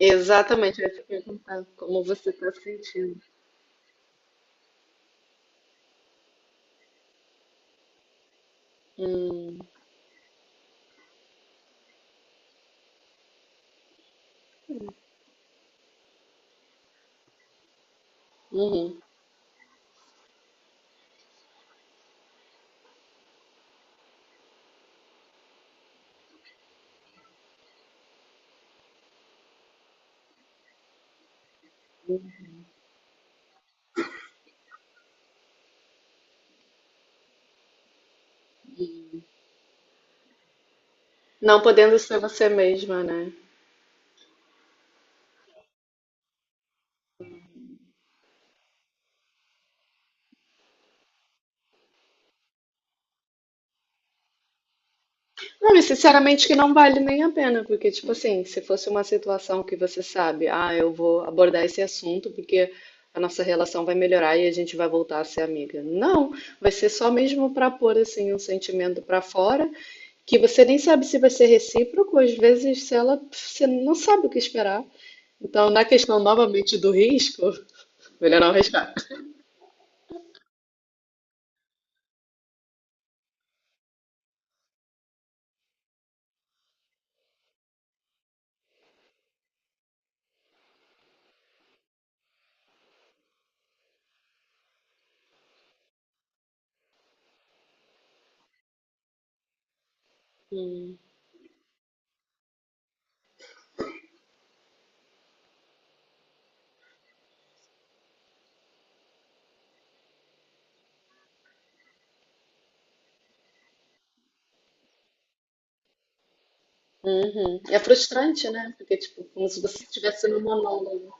Exatamente, eu ia te perguntar como você está sentindo. Hum, uhum. Não podendo ser você mesma, né? Não, e sinceramente que não vale nem a pena, porque, tipo assim, se fosse uma situação que você sabe, ah, eu vou abordar esse assunto porque a nossa relação vai melhorar e a gente vai voltar a ser amiga. Não, vai ser só mesmo para pôr, assim, um sentimento para fora, que você nem sabe se vai ser recíproco, às vezes, se ela, você não sabe o que esperar. Então, na questão novamente do risco. Melhor não arriscar. Uhum. É frustrante, né? Porque, tipo, como se você estivesse no monólogo.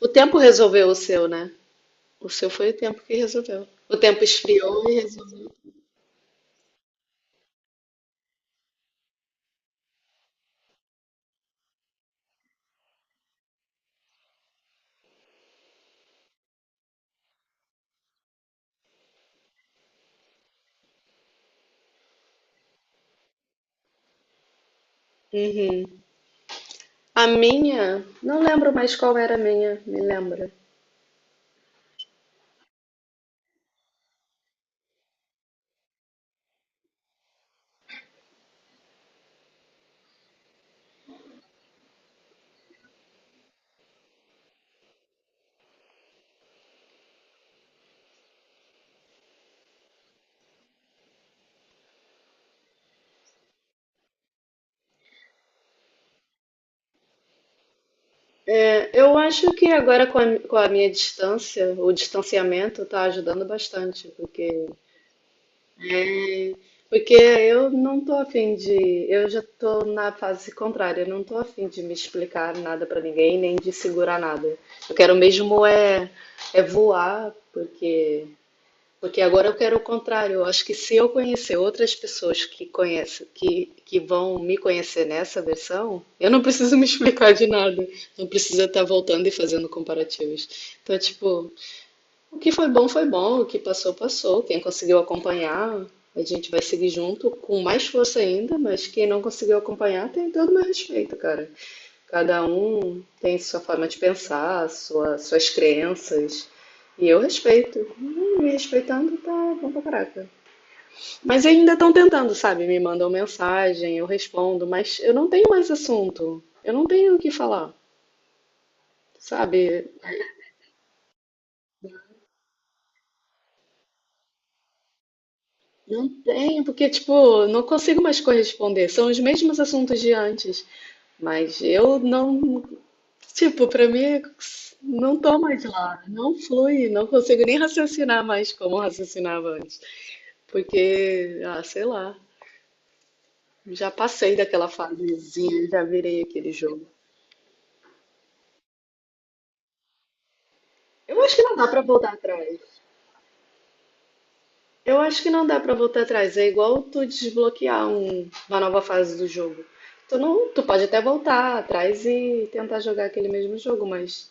O tempo resolveu o seu, né? O seu foi o tempo que resolveu. O tempo esfriou e resolveu. Uhum. A minha, não lembro mais qual era a minha, me lembra. É, eu acho que agora com a minha distância, o distanciamento tá ajudando bastante, porque porque eu não tô afim de. Eu já tô na fase contrária, eu não tô afim de me explicar nada pra ninguém, nem de segurar nada. Eu quero mesmo é, é voar, porque. Porque agora eu quero o contrário. Eu acho que se eu conhecer outras pessoas que conhecem, que vão me conhecer nessa versão, eu não preciso me explicar de nada. Não precisa estar voltando e fazendo comparativos. Então, tipo, o que foi bom, foi bom. O que passou, passou. Quem conseguiu acompanhar, a gente vai seguir junto com mais força ainda, mas quem não conseguiu acompanhar tem todo o meu respeito, cara. Cada um tem sua forma de pensar, suas crenças. E eu respeito. Me respeitando tá bom pra caraca. Mas ainda estão tentando, sabe? Me mandam mensagem, eu respondo, mas eu não tenho mais assunto. Eu não tenho o que falar, sabe? Não tenho, porque, tipo, não consigo mais corresponder. São os mesmos assuntos de antes. Mas eu não. Tipo, pra mim, não tô mais lá. Não flui. Não consigo nem raciocinar mais como eu raciocinava antes. Porque, ah, sei lá. Já passei daquela fasezinha, já virei aquele jogo. Eu acho que não dá pra voltar atrás. Eu acho que não dá pra voltar atrás. É igual tu desbloquear uma nova fase do jogo. Tu não, tu pode até voltar atrás e tentar jogar aquele mesmo jogo,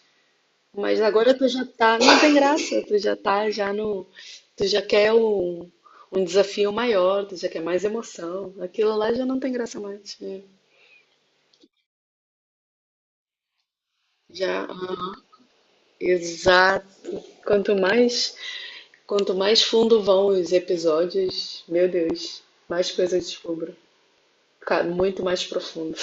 mas agora tu já tá, não tem graça. Tu já tá já no, tu já quer um, um desafio maior, tu já quer mais emoção. Aquilo lá já não tem graça mais. Né? Já, exato. Quanto mais, quanto mais fundo vão os episódios, meu Deus, mais coisa eu descubro. Cara, muito mais profundo.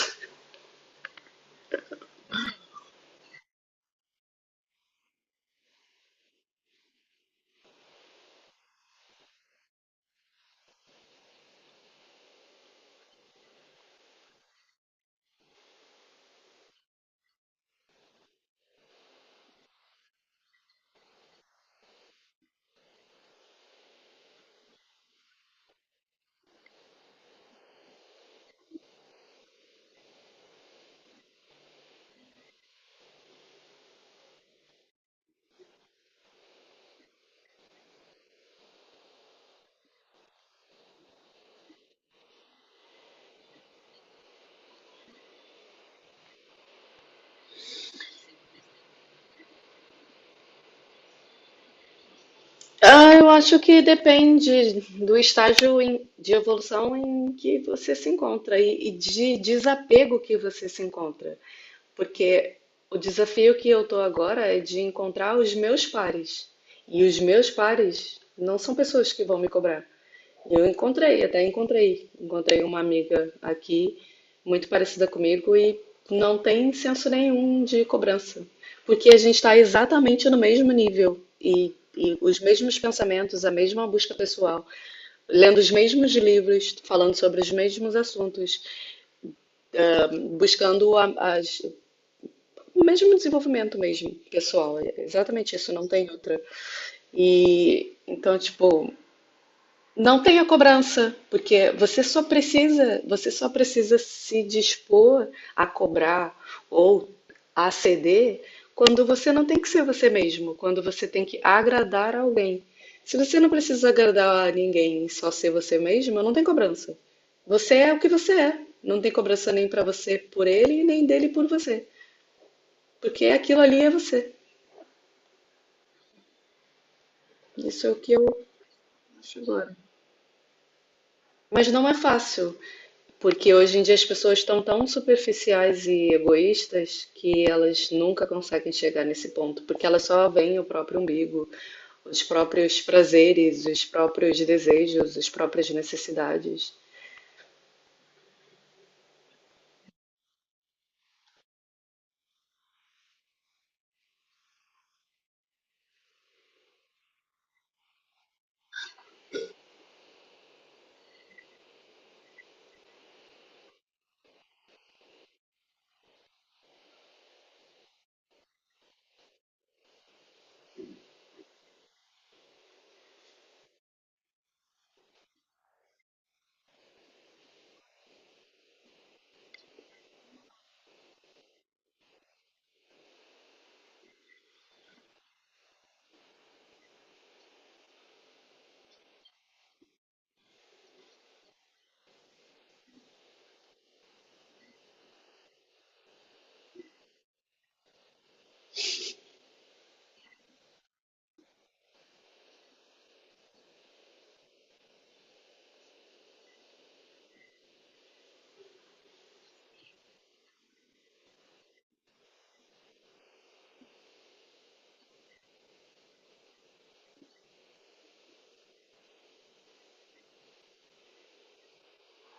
Ah, eu acho que depende do estágio de evolução em que você se encontra e de desapego que você se encontra. Porque o desafio que eu estou agora é de encontrar os meus pares. E os meus pares não são pessoas que vão me cobrar. Eu encontrei, até encontrei. Encontrei uma amiga aqui, muito parecida comigo, e não tem senso nenhum de cobrança. Porque a gente está exatamente no mesmo nível e os mesmos pensamentos, a mesma busca pessoal, lendo os mesmos livros, falando sobre os mesmos assuntos, buscando o mesmo desenvolvimento mesmo, pessoal. É exatamente isso, não tem outra. E então, tipo, não tenha cobrança, porque você só precisa se dispor a cobrar ou a ceder quando você não tem que ser você mesmo, quando você tem que agradar alguém. Se você não precisa agradar a ninguém, só ser você mesmo, não tem cobrança. Você é o que você é. Não tem cobrança nem pra você por ele, nem dele por você, porque aquilo ali é você. Isso é o que eu acho agora. Mas não é fácil. Porque hoje em dia as pessoas estão tão superficiais e egoístas que elas nunca conseguem chegar nesse ponto, porque elas só veem o próprio umbigo, os próprios prazeres, os próprios desejos, as próprias necessidades.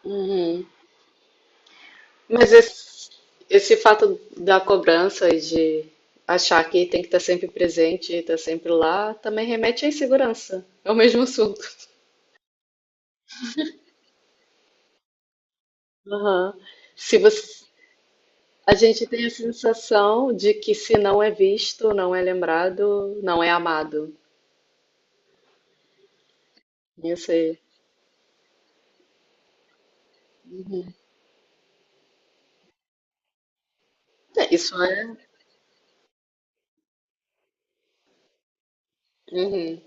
Uhum. Mas esse fato da cobrança e de achar que tem que estar sempre presente, estar sempre lá, também remete à insegurança. É o mesmo assunto. Aham. Se você A gente tem a sensação de que se não é visto, não é lembrado, não é amado. Isso aí. É, isso é. Uhum.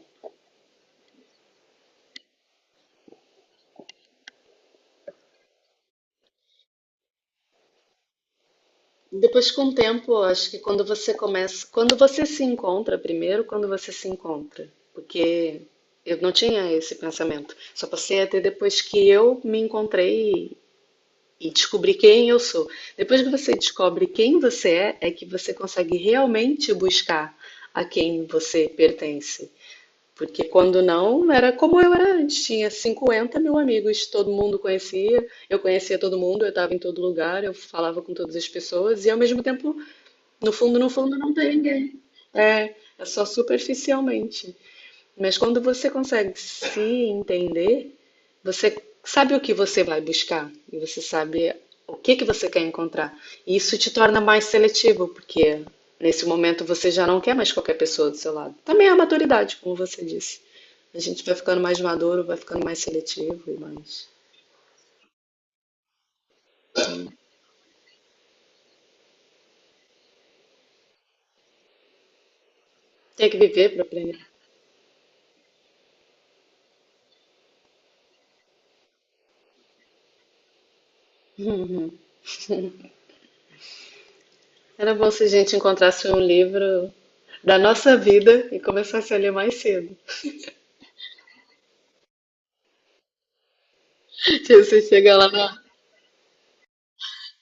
Depois, com o tempo, acho que quando você começa, quando você se encontra primeiro, quando você se encontra, porque eu não tinha esse pensamento. Só passei a ter depois que eu me encontrei e descobri quem eu sou. Depois que você descobre quem você é, é que você consegue realmente buscar a quem você pertence. Porque quando não, era como eu era antes, tinha 50 mil amigos, todo mundo conhecia, eu conhecia todo mundo, eu estava em todo lugar, eu falava com todas as pessoas, e ao mesmo tempo, no fundo, não tem ninguém. É, é só superficialmente. Mas quando você consegue se entender, você sabe o que você vai buscar e você sabe o que que você quer encontrar. E isso te torna mais seletivo, porque nesse momento você já não quer mais qualquer pessoa do seu lado. Também é a maturidade, como você disse. A gente vai ficando mais maduro, vai ficando mais seletivo e mais. Tem que viver para aprender. Era bom se a gente encontrasse um livro da nossa vida e começasse a ler mais cedo. Se Você chega lá na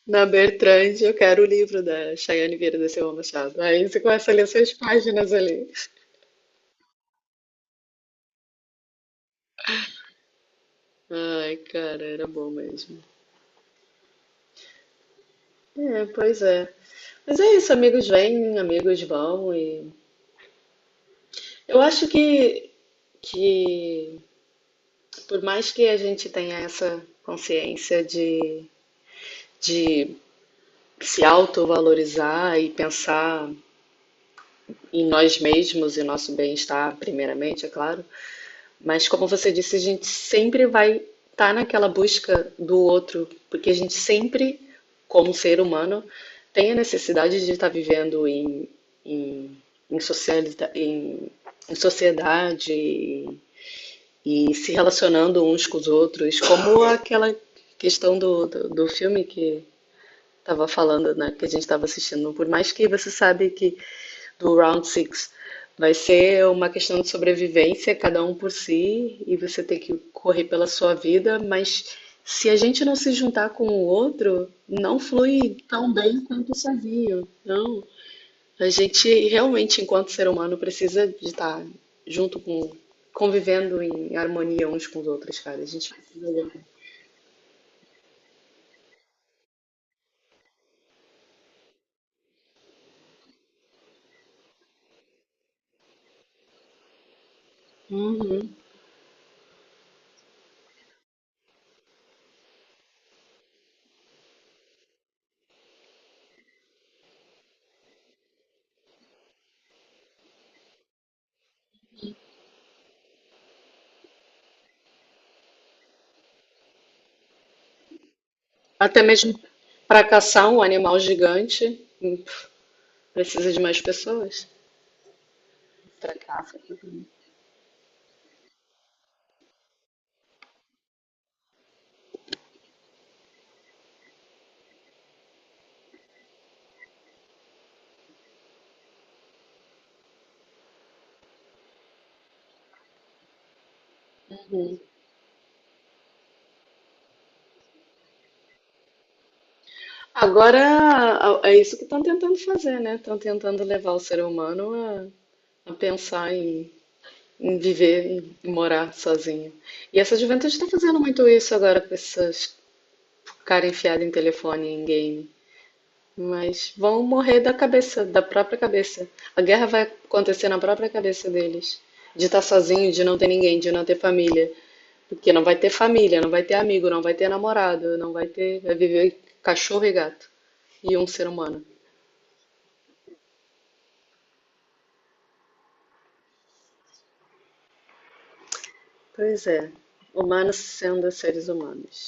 na Bertrand, eu quero o livro da Chayane Vieira da Silva Machado. Aí você começa a ler suas páginas ali. Ai, cara, era bom mesmo. É, pois é. Mas é isso, amigos vêm, amigos vão e eu acho que por mais que a gente tenha essa consciência de se autovalorizar e pensar em nós mesmos e nosso bem-estar primeiramente, é claro, mas como você disse, a gente sempre vai estar naquela busca do outro, porque a gente sempre, como ser humano, tem a necessidade de estar vivendo em, em, socialita- em- em sociedade e se relacionando uns com os outros, como aquela questão do filme que estava falando, né, que a gente estava assistindo. Por mais que você sabe que do Round Six. Vai ser uma questão de sobrevivência, cada um por si, e você tem que correr pela sua vida, mas se a gente não se juntar com o outro, não flui tão bem quanto sozinho. Não. A gente realmente, enquanto ser humano, precisa de estar junto com, convivendo em harmonia uns com os outros, cara. A gente precisa. Uhum. Até mesmo para caçar um animal gigante, precisa de mais pessoas. Pra caça. Agora, é isso que estão tentando fazer, né? Estão tentando levar o ser humano a pensar em viver e morar sozinho. E essa juventude está fazendo muito isso agora com essas cara enfiada em telefone, em game. Mas vão morrer da cabeça, da própria cabeça. A guerra vai acontecer na própria cabeça deles. De estar sozinho, de não ter ninguém, de não ter família. Porque não vai ter família, não vai ter amigo, não vai ter namorado, não vai ter. Vai viver cachorro e gato. E um ser humano. Pois é, humanos sendo seres humanos.